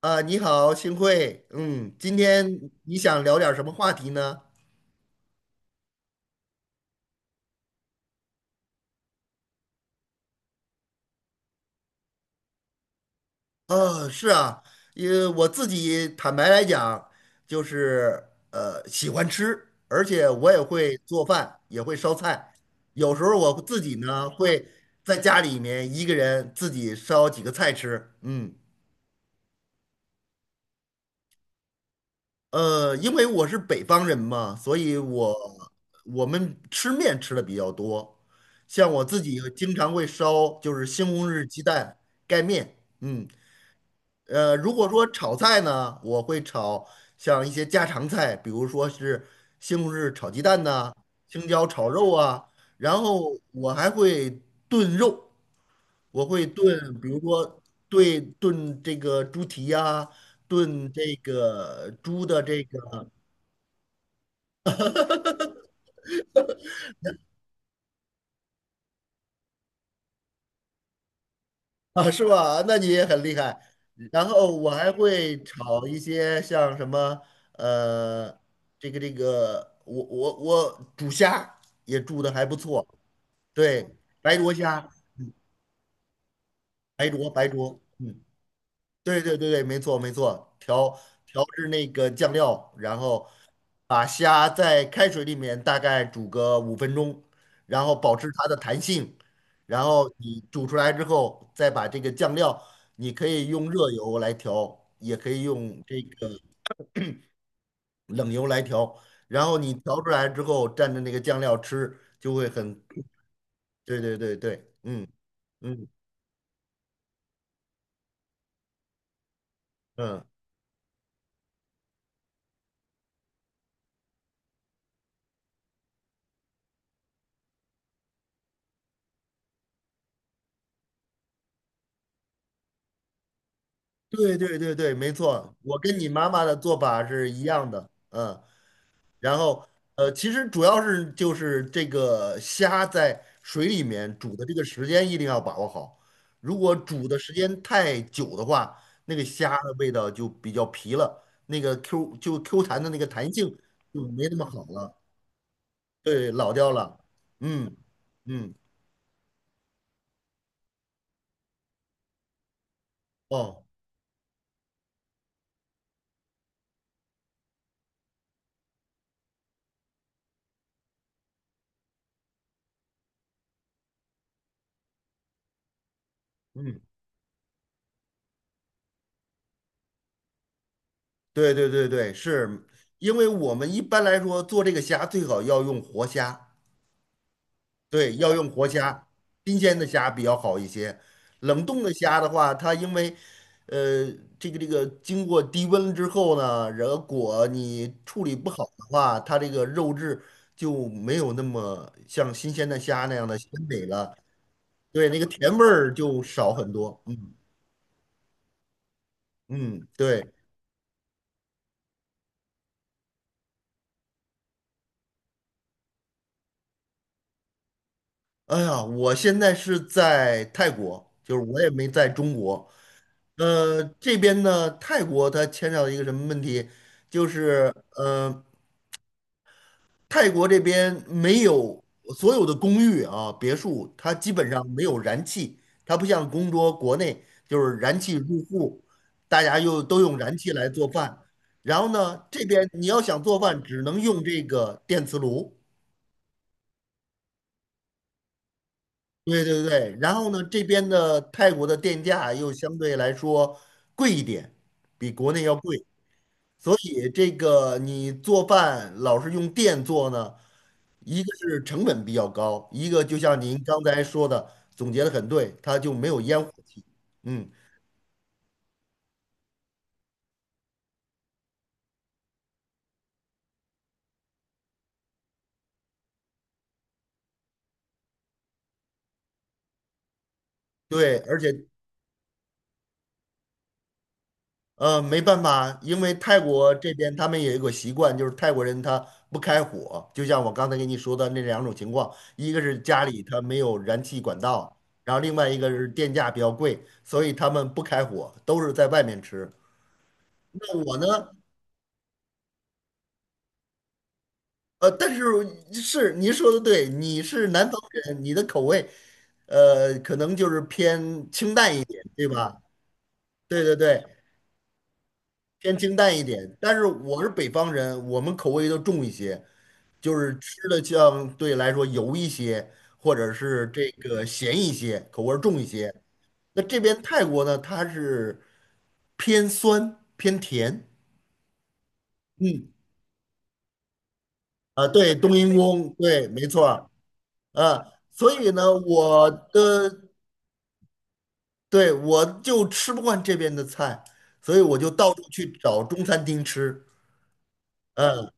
啊，你好，幸会。嗯，今天你想聊点什么话题呢？啊，是啊，因为我自己坦白来讲，就是喜欢吃，而且我也会做饭，也会烧菜。有时候我自己呢会在家里面一个人自己烧几个菜吃。嗯。因为我是北方人嘛，所以我们吃面吃的比较多，像我自己经常会烧，就是西红柿鸡蛋盖面，嗯，如果说炒菜呢，我会炒像一些家常菜，比如说是西红柿炒鸡蛋呐、青椒炒肉啊，然后我还会炖肉，我会炖，比如说对炖这个猪蹄呀、炖这个猪的这个。啊，是吧？那你也很厉害。然后我还会炒一些像什么，呃，我煮虾也煮的还不错，对，白灼虾，白灼白灼，嗯，对对对对，没错没错，调制那个酱料，然后把虾在开水里面大概煮个5分钟，然后保持它的弹性，然后你煮出来之后，再把这个酱料，你可以用热油来调，也可以用这个冷油来调，然后你调出来之后蘸着那个酱料吃，就会很，对对对对，嗯嗯嗯，对对对对，没错，我跟你妈妈的做法是一样的。嗯。然后其实主要是就是这个虾在水里面煮的这个时间一定要把握好，如果煮的时间太久的话，那个虾的味道就比较皮了，那个 Q 就 Q 弹的那个弹性就没那么好了，对，老掉了。嗯嗯哦嗯，对对对对，是因为我们一般来说做这个虾最好要用活虾。对，要用活虾，新鲜的虾比较好一些。冷冻的虾的话，它因为呃这个经过低温之后呢，如果你处理不好的话，它这个肉质就没有那么像新鲜的虾那样的鲜美了。对，那个甜味儿就少很多。嗯嗯，对。哎呀，我现在是在泰国，就是我也没在中国。这边呢，泰国它牵扯到一个什么问题，就是泰国这边没有所有的公寓啊、别墅，它基本上没有燃气，它不像中国国内就是燃气入户，大家又都用燃气来做饭。然后呢，这边你要想做饭，只能用这个电磁炉。对对对，然后呢，这边的泰国的电价又相对来说贵一点，比国内要贵，所以这个你做饭老是用电做呢，一个是成本比较高，一个就像您刚才说的，总结的很对，它就没有烟火气。嗯，对，而且没办法，因为泰国这边他们有一个习惯，就是泰国人他不开火，就像我刚才跟你说的那两种情况，一个是家里他没有燃气管道，然后另外一个是电价比较贵，所以他们不开火，都是在外面吃。那我呢，但是是您说的对，你是南方人，你的口味可能就是偏清淡一点，对吧？对对对，偏清淡一点。但是我是北方人，我们口味都重一些。就是吃的相对来说油一些，或者是这个咸一些，口味儿重一些。那这边泰国呢，它是偏酸偏甜。嗯，啊，对，冬阴功，对，没错儿。啊，所以呢，我的，对，我就吃不惯这边的菜，所以我就到处去找中餐厅吃。嗯，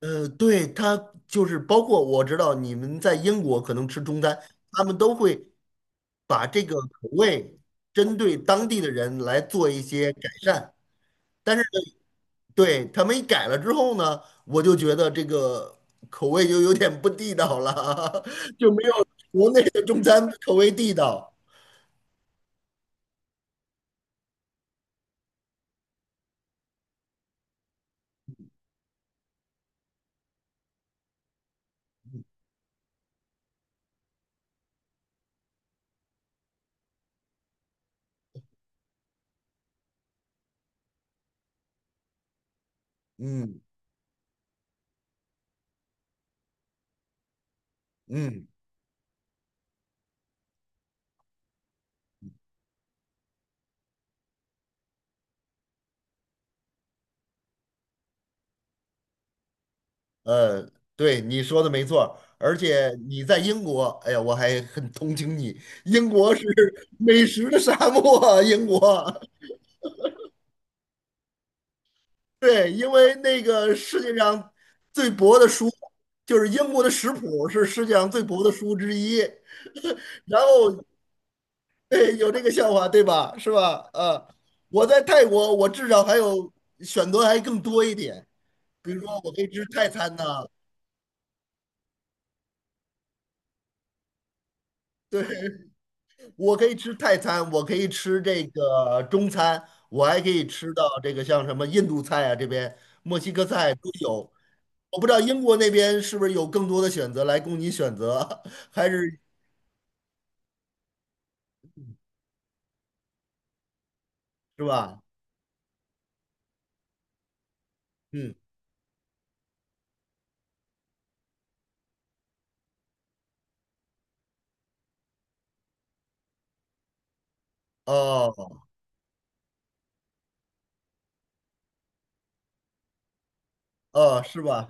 对，它就是包括我知道你们在英国可能吃中餐，他们都会。把这个口味针对当地的人来做一些改善。但是呢对，他们一改了之后呢，我就觉得这个口味就有点不地道了，就没有国内的中餐口味地道。嗯嗯，呃，对，你说的没错儿而且你在英国，哎呀，我还很同情你，英国是美食的沙漠啊英国。对，因为那个世界上最薄的书，就是英国的食谱是世界上最薄的书之一。然后，对，有这个笑话，对吧？是吧？啊，我在泰国，我至少还有选择还更多一点，比如说我可以吃泰餐呐、对，我可以吃泰餐，我可以吃这个中餐，我还可以吃到这个像什么印度菜啊，这边墨西哥菜都有。我不知道英国那边是不是有更多的选择来供你选择，还是是吧？嗯，哦，哦，是吧？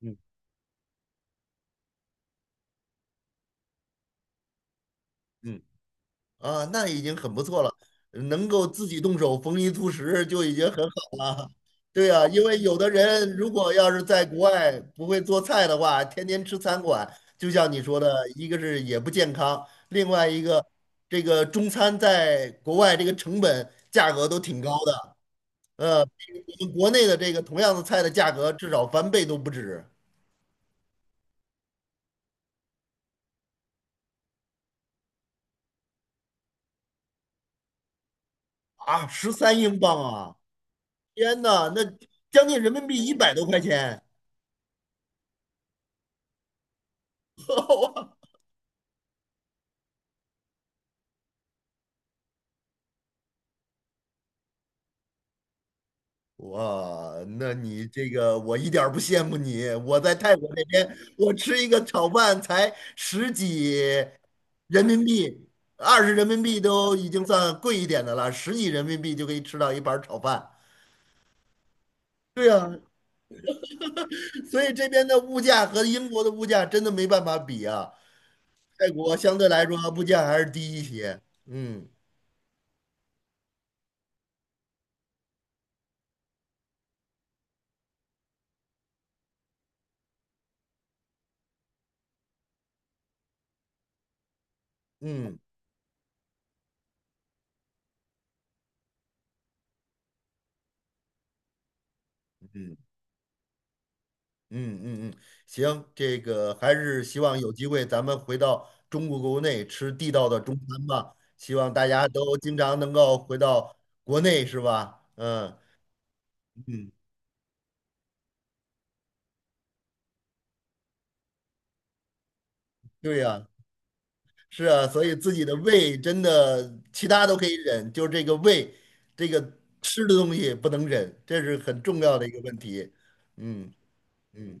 嗯嗯，啊，那已经很不错了，能够自己动手丰衣足食就已经很好了。对呀，因为有的人如果要是在国外不会做菜的话，天天吃餐馆，就像你说的，一个是也不健康，另外一个这个中餐在国外这个成本价格都挺高的，比我们国内的这个同样的菜的价格至少翻倍都不止啊，13英镑啊！天呐，那将近人民币一百多块钱，哇，那你这个我一点儿不羡慕你。我在泰国那边，我吃一个炒饭才十几人民币，20人民币都已经算贵一点的了，十几人民币就可以吃到一盘儿炒饭。对呀，所以这边的物价和英国的物价真的没办法比啊。泰国相对来说物价还是低一些。嗯嗯嗯。嗯嗯嗯，行，这个还是希望有机会咱们回到中国国内吃地道的中餐吧。希望大家都经常能够回到国内，是吧？嗯嗯，对呀，是啊，所以自己的胃真的其他都可以忍，就这个胃，这个吃的东西不能忍，这是很重要的一个问题。嗯嗯。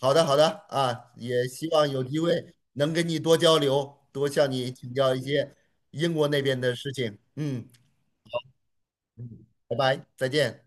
好的，好的啊，也希望有机会能跟你多交流，多向你请教一些英国那边的事情。嗯嗯，拜拜，再见。